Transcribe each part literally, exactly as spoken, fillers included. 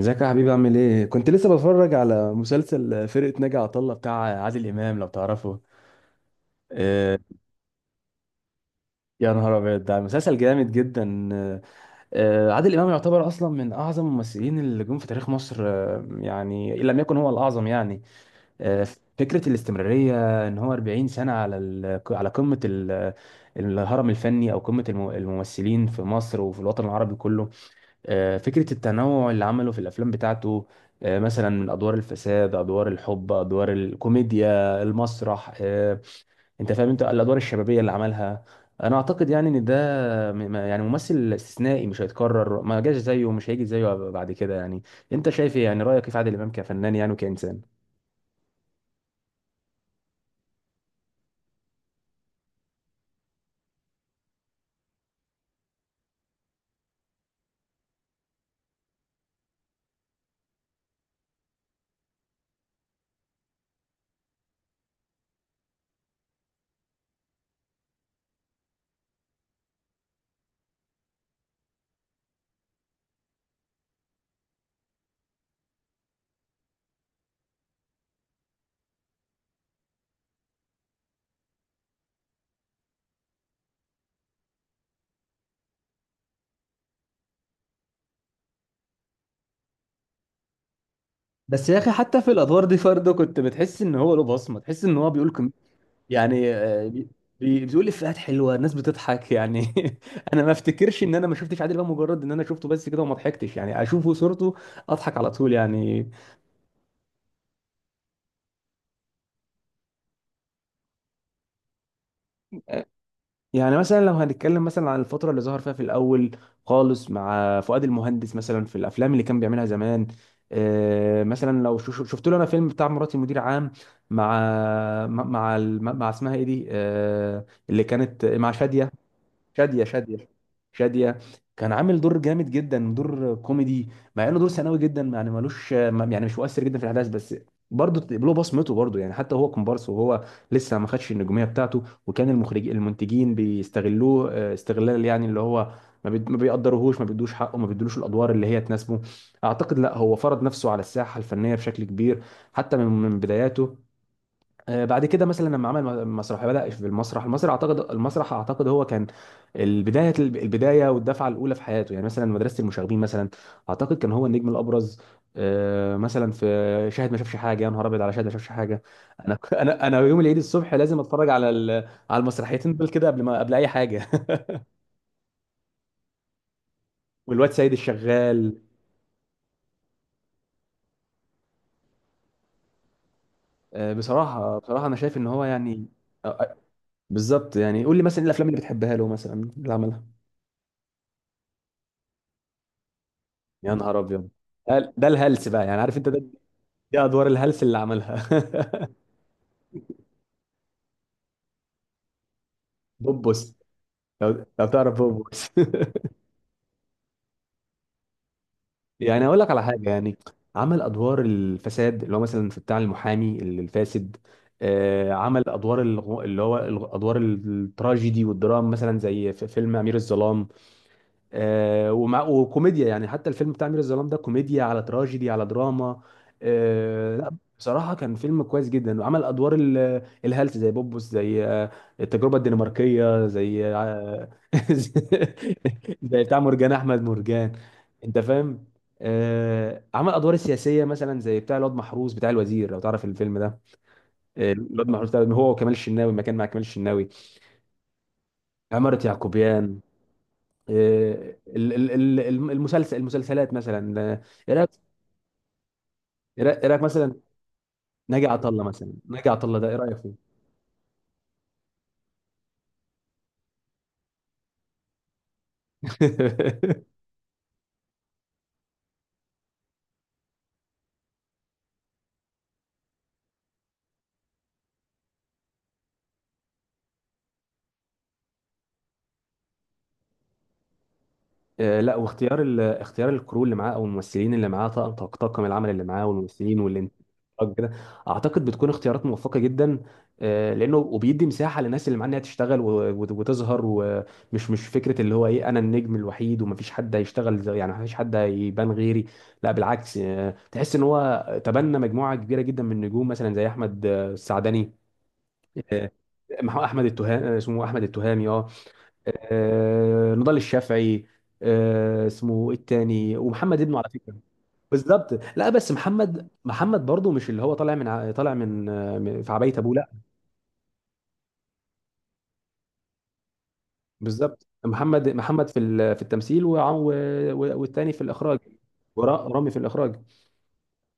ازيك يا حبيبي، عامل ايه؟ كنت لسه بتفرج على مسلسل فرقة ناجي عطا الله بتاع عادل إمام، لو تعرفه. آه، يا نهار أبيض، ده مسلسل جامد جدا. آه، آه، عادل إمام يعتبر أصلا من أعظم الممثلين اللي جم في تاريخ مصر، آه، يعني إن لم يكن هو الأعظم يعني. آه، فكرة الاستمرارية إن هو 40 سنة على ال- على قمة ال- الهرم الفني، أو قمة الم- الممثلين في مصر وفي الوطن العربي كله. آه، فكرة التنوع اللي عمله في الأفلام بتاعته، آه، مثلا من أدوار الفساد، أدوار الحب، أدوار الكوميديا، المسرح. آه، أنت فاهم، أنت الأدوار الشبابية اللي عملها. أنا أعتقد يعني إن ده م- م- يعني ممثل استثنائي مش هيتكرر، ما جاش زيه ومش هيجي زيه بعد كده يعني. أنت شايف إيه؟ يعني رأيك إيه في عادل إمام كفنان يعني وكإنسان؟ بس يا اخي، حتى في الادوار دي برضه كنت بتحس ان هو له بصمه، تحس ان هو بيقول يعني، آه، بي- بي- بتقول افيهات حلوه، الناس بتضحك يعني. انا ما افتكرش ان انا ما شفتش عادل امام، مجرد ان انا شفته بس كده وما ضحكتش، يعني اشوفه صورته اضحك على طول يعني. يعني مثلا لو هنتكلم مثلا عن الفتره اللي ظهر فيها في الاول خالص مع فؤاد المهندس، مثلا في الافلام اللي كان بيعملها زمان. آه، مثلا لو شو- شو- شفت له انا فيلم بتاع مراتي مدير عام، مع مع مع مع اسمها ايه دي، آه، اللي كانت مع شاديه، شادية شادية شادية. كان عامل دور جامد جدا، دور كوميدي، مع انه دور ثانوي جدا يعني، ملوش يعني، مش مؤثر جدا في الاحداث، بس برضه له بصمته برضه يعني. حتى هو كومبارس، وهو لسه ما خدش النجوميه بتاعته، وكان المخرج، المنتجين بيستغلوه آه، استغلال يعني، اللي هو ما بي- ما بيقدروهوش، ما بيدوش حقه، ما بيدوش الادوار اللي هي تناسبه. اعتقد لا، هو فرض نفسه على الساحه الفنيه بشكل كبير حتى من من بداياته. آه، بعد كده مثلا لما عمل م- مسرح، بدأ في المسرح. المسرح اعتقد المسرح اعتقد هو كان البدايه، البدايه والدفعه الاولى في حياته، يعني مثلا مدرسه المشاغبين مثلا. اعتقد كان هو النجم الابرز. آه، مثلا في شاهد ما شافش حاجه، يا نهار ابيض على شاهد ما شافش حاجه. انا انا انا يوم العيد الصبح لازم اتفرج على ال- على المسرحيتين دول كده قبل ما، قبل اي حاجه. والواد سيد الشغال. آه، بصراحه، بصراحه انا شايف ان هو يعني، آه، آه، بالظبط يعني. قول لي مثلا ايه الافلام اللي بتحبها له، مثلا اللي عملها. يا نهار ابيض، ده ده الهلس بقى، يعني عارف انت ده، دي ادوار الهلس اللي عملها. بوبوس، لو لو تعرف بوبوس. يعني اقول لك على حاجه يعني، عمل ادوار الفساد اللي هو مثلا في بتاع المحامي الفاسد. آه، عمل ادوار الغ- اللي هو الغ- ادوار التراجيدي والدراما، مثلا زي في فيلم امير الظلام. آه، ومع وكوميديا يعني، حتى الفيلم بتاع أمير الظلام ده كوميديا على تراجيدي على دراما. آه، لا بصراحة كان فيلم كويس جدا. وعمل أدوار ال- الهلس، زي بوبوس، زي آه، التجربة الدنماركية، زي آه، زي بتاع مرجان أحمد مرجان، أنت فاهم. آه، عمل أدوار السياسية مثلا، زي بتاع الواد محروس، بتاع الوزير، لو تعرف الفيلم ده. آه، الواد محروس ده هو وكمال الشناوي، ما كان مع كمال الشناوي. عمارة يعقوبيان. آه، ال- ال- ال- الم- المسلسل المسلسلات مثلا. آه، ايه رايك، ايه رايك إيه رأيك مثلا؟ ناجي عطا الله، مثلا ناجي عطا الله ده ايه رايك فيه؟ آه، لا، واختيار ال... اختيار الكرو اللي معاه او الممثلين اللي معاه، طاقم، طاق- طاقم العمل اللي معاه، والممثلين والانتاج كده، اعتقد بتكون اختيارات موفقه جدا. آه، لانه وبيدي مساحه للناس اللي معاه انها تشتغل و... وت- وتظهر، ومش مش فكره اللي هو ايه، انا النجم الوحيد ومفيش حد هيشتغل زي- يعني مفيش حد هيبان غيري. لا بالعكس، آه، تحس ان هو تبنى مجموعه كبيره جدا من النجوم، مثلا زي احمد آه، السعدني. آه، مح- احمد التهامي، اسمه احمد التهامي، اه. آه، نضال الشافعي. آه، اسمه إيه التاني؟ ومحمد ابنه على فكره. بالظبط، لا بس محمد محمد برضه، مش اللي هو طالع من ع- طالع من آه، من- في عباية ابوه، لا. بالظبط، محمد محمد في ال- في التمثيل، وع- و- و- والتاني في الاخراج. ورا- ورامي في الاخراج.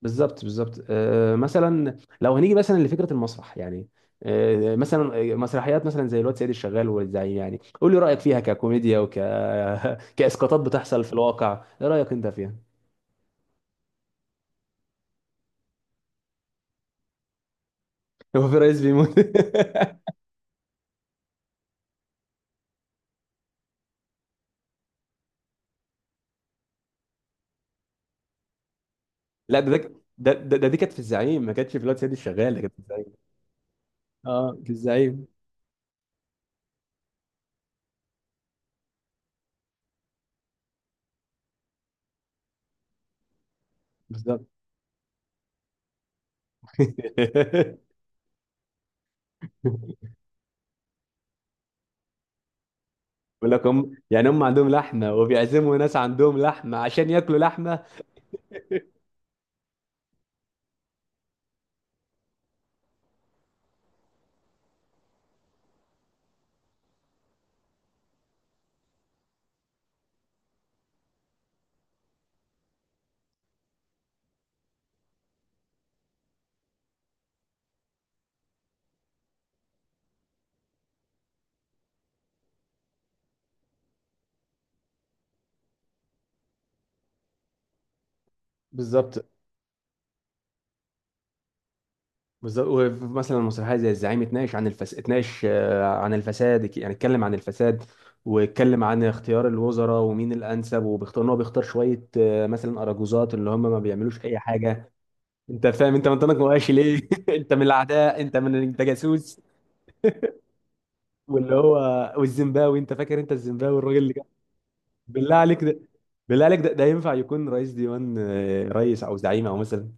بالظبط بالظبط. آه، مثلا لو هنيجي مثلا لفكره المسرح يعني. آه، مثلا مسرحيات مثلا زي الواد سيد الشغال والزعيم، يعني قول لي رايك فيها ككوميديا، وك كاسقاطات بتحصل في الواقع. ايه رايك انت فيها؟ هو في رئيس بيموت؟ لا، ده ده ده, ده, ده دي كانت في الزعيم، ما كانتش في الواد سيد الشغال، ده كانت في الزعيم. اه، في الزعيم. بالظبط. بيقول لك، هم يعني هم عندهم لحمه وبيعزموا ناس عندهم لحمه عشان ياكلوا لحمه. بالظبط بالظبط. ومثلا المسرحيه زي الزعيم اتناقش عن الفس... اتناقش آه، عن الفساد، يعني اتكلم عن الفساد، واتكلم عن اختيار الوزراء ومين الانسب، وبيختار ان هو بيختار شويه، آه، مثلا اراجوزات اللي هم ما بيعملوش اي حاجه. انت فاهم، انت منطقك مقاشي ليه؟ انت من الاعداء، انت من، انت جاسوس. واللي هو، والزيمباوي، انت فاكر انت الزيمباوي الراجل اللي كان؟ بالله عليك، ده بالله عليك ده, ده ينفع يكون رئيس ديوان، آه، رئيس او زعيم او مثلا؟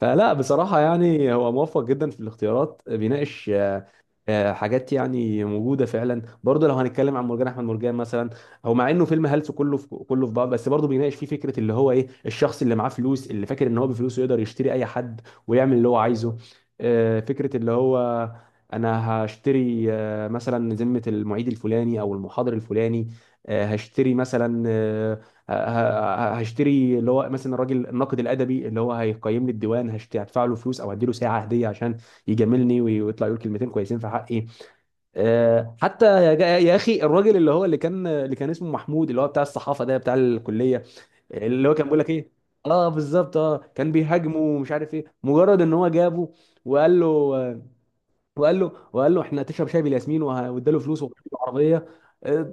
فلا بصراحة يعني، هو موفق جدا في الاختيارات، بيناقش آه، آه، حاجات يعني موجودة فعلا. برضه لو هنتكلم عن مرجان أحمد مرجان مثلا، هو مع إنه فيلم هلس كله في كله في بعض، بس برضه بيناقش فيه فكرة اللي هو إيه، الشخص اللي معاه فلوس اللي فاكر إن هو بفلوسه يقدر يشتري أي حد ويعمل اللي هو عايزه. آه، فكرة اللي هو، أنا هشتري آه، مثلا ذمة المعيد الفلاني أو المحاضر الفلاني. آه، هشتري مثلا آه، ه- ه- هشتري اللي هو مثلا الراجل الناقد الادبي اللي هو هيقيم لي الديوان، هشت- هدفع له فلوس او هديله ساعه هديه عشان يجاملني وي- ويطلع يقول كلمتين كويسين في حقي. آه، حتى يا جا- يا اخي، الراجل اللي هو اللي كان اللي كان اسمه محمود، اللي هو بتاع الصحافه ده بتاع الكليه، اللي هو كان بيقول لك ايه؟ اه بالظبط، اه كان بيهاجمه ومش عارف ايه، مجرد ان هو جابه وقال له وقال له وقال له احنا تشرب شاي بالياسمين، وه- واداله فلوس وعربيه.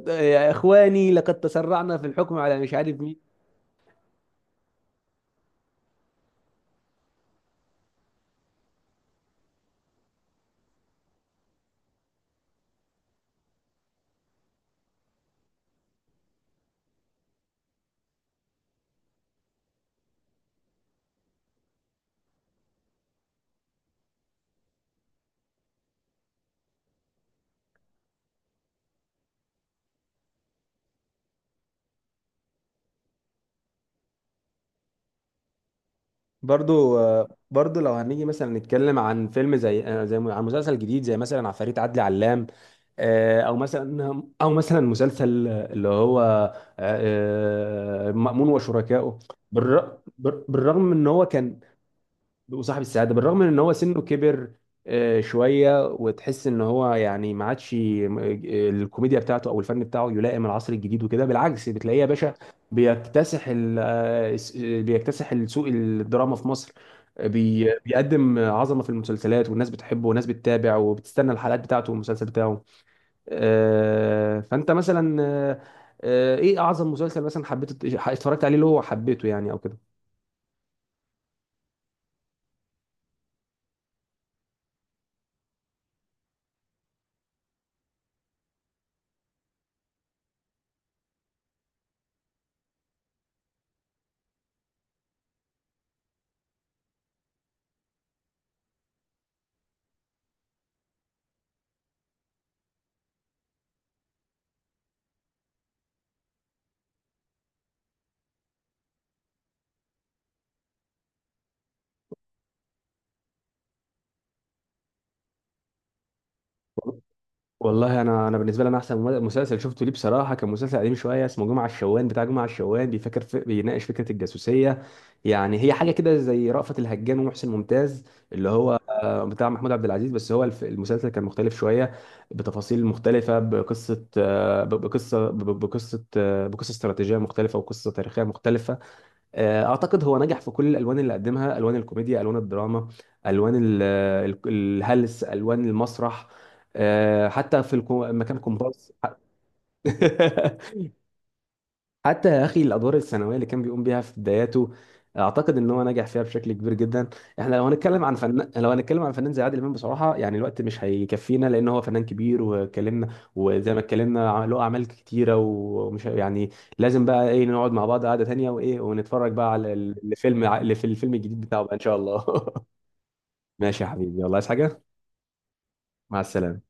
يا اخواني لقد تسرعنا في الحكم على مش عارف مين. برضو، برضو لو هنيجي مثلا نتكلم عن فيلم زي زي، عن مسلسل جديد، زي مثلا عفاريت عدلي علام. آه، او مثلا او مثلا مسلسل اللي هو، آه، آه، مأمون وشركائه. بالر- بالرغم من ان هو كان، وصاحب السعاده، بالرغم من ان هو سنه كبر آه، شويه، وتحس ان هو يعني ما عادش م- آه، الكوميديا بتاعته او الفن بتاعه يلائم العصر الجديد وكده. بالعكس بتلاقيه يا باشا بيكتسح ال- آه، الس- آه، بيكتسح السوق، الدراما في مصر. آه، بي- بيقدم عظمه في المسلسلات، والناس بتحبه، والناس بتتابع وبتستنى الحلقات بتاعته والمسلسل بتاعه. آه، فانت مثلا آه، آه، ايه اعظم مسلسل مثلا حبيت اتفرجت عليه، اللي هو حبيته يعني او كده؟ والله انا، انا بالنسبه لي انا احسن مسلسل شفته ليه بصراحه كان مسلسل قديم شويه، اسمه جمعه الشوان، بتاع جمعه الشوان، بيفكر في بيناقش فكره الجاسوسيه. يعني هي حاجه كده زي رأفت الهجان ومحسن ممتاز، اللي هو آه، بتاع محمود عبد العزيز، بس هو الف- المسلسل كان مختلف شويه بتفاصيل مختلفه، بقصه آه، ب- بقصه ب- ب- بقصه آه، بقصه استراتيجيه مختلفه وقصه تاريخيه مختلفه. آه، اعتقد هو نجح في كل الالوان اللي قدمها، الوان الكوميديا، الوان الدراما، الوان ال- آه، ال- الهلس، الوان المسرح. آه، حتى في الكو- مكان كومبارس. حتى يا اخي الادوار الثانويه اللي كان بيقوم بيها في بداياته، اعتقد ان هو نجح فيها بشكل كبير جدا. احنا لو هنتكلم عن فنان، لو هنتكلم عن فنان زي عادل امام، بصراحه يعني الوقت مش هيكفينا، لان هو فنان كبير واتكلمنا، وزي ما اتكلمنا عم- له اعمال كتيره، ومش يعني لازم بقى ايه، نقعد مع بعض قعده تانيه وايه، ونتفرج بقى على ال- الفيلم ع- اللي في الفيلم الجديد بتاعه بقى ان شاء الله. ماشي يا حبيبي، يلا، عايز حاجه؟ مع السلامه.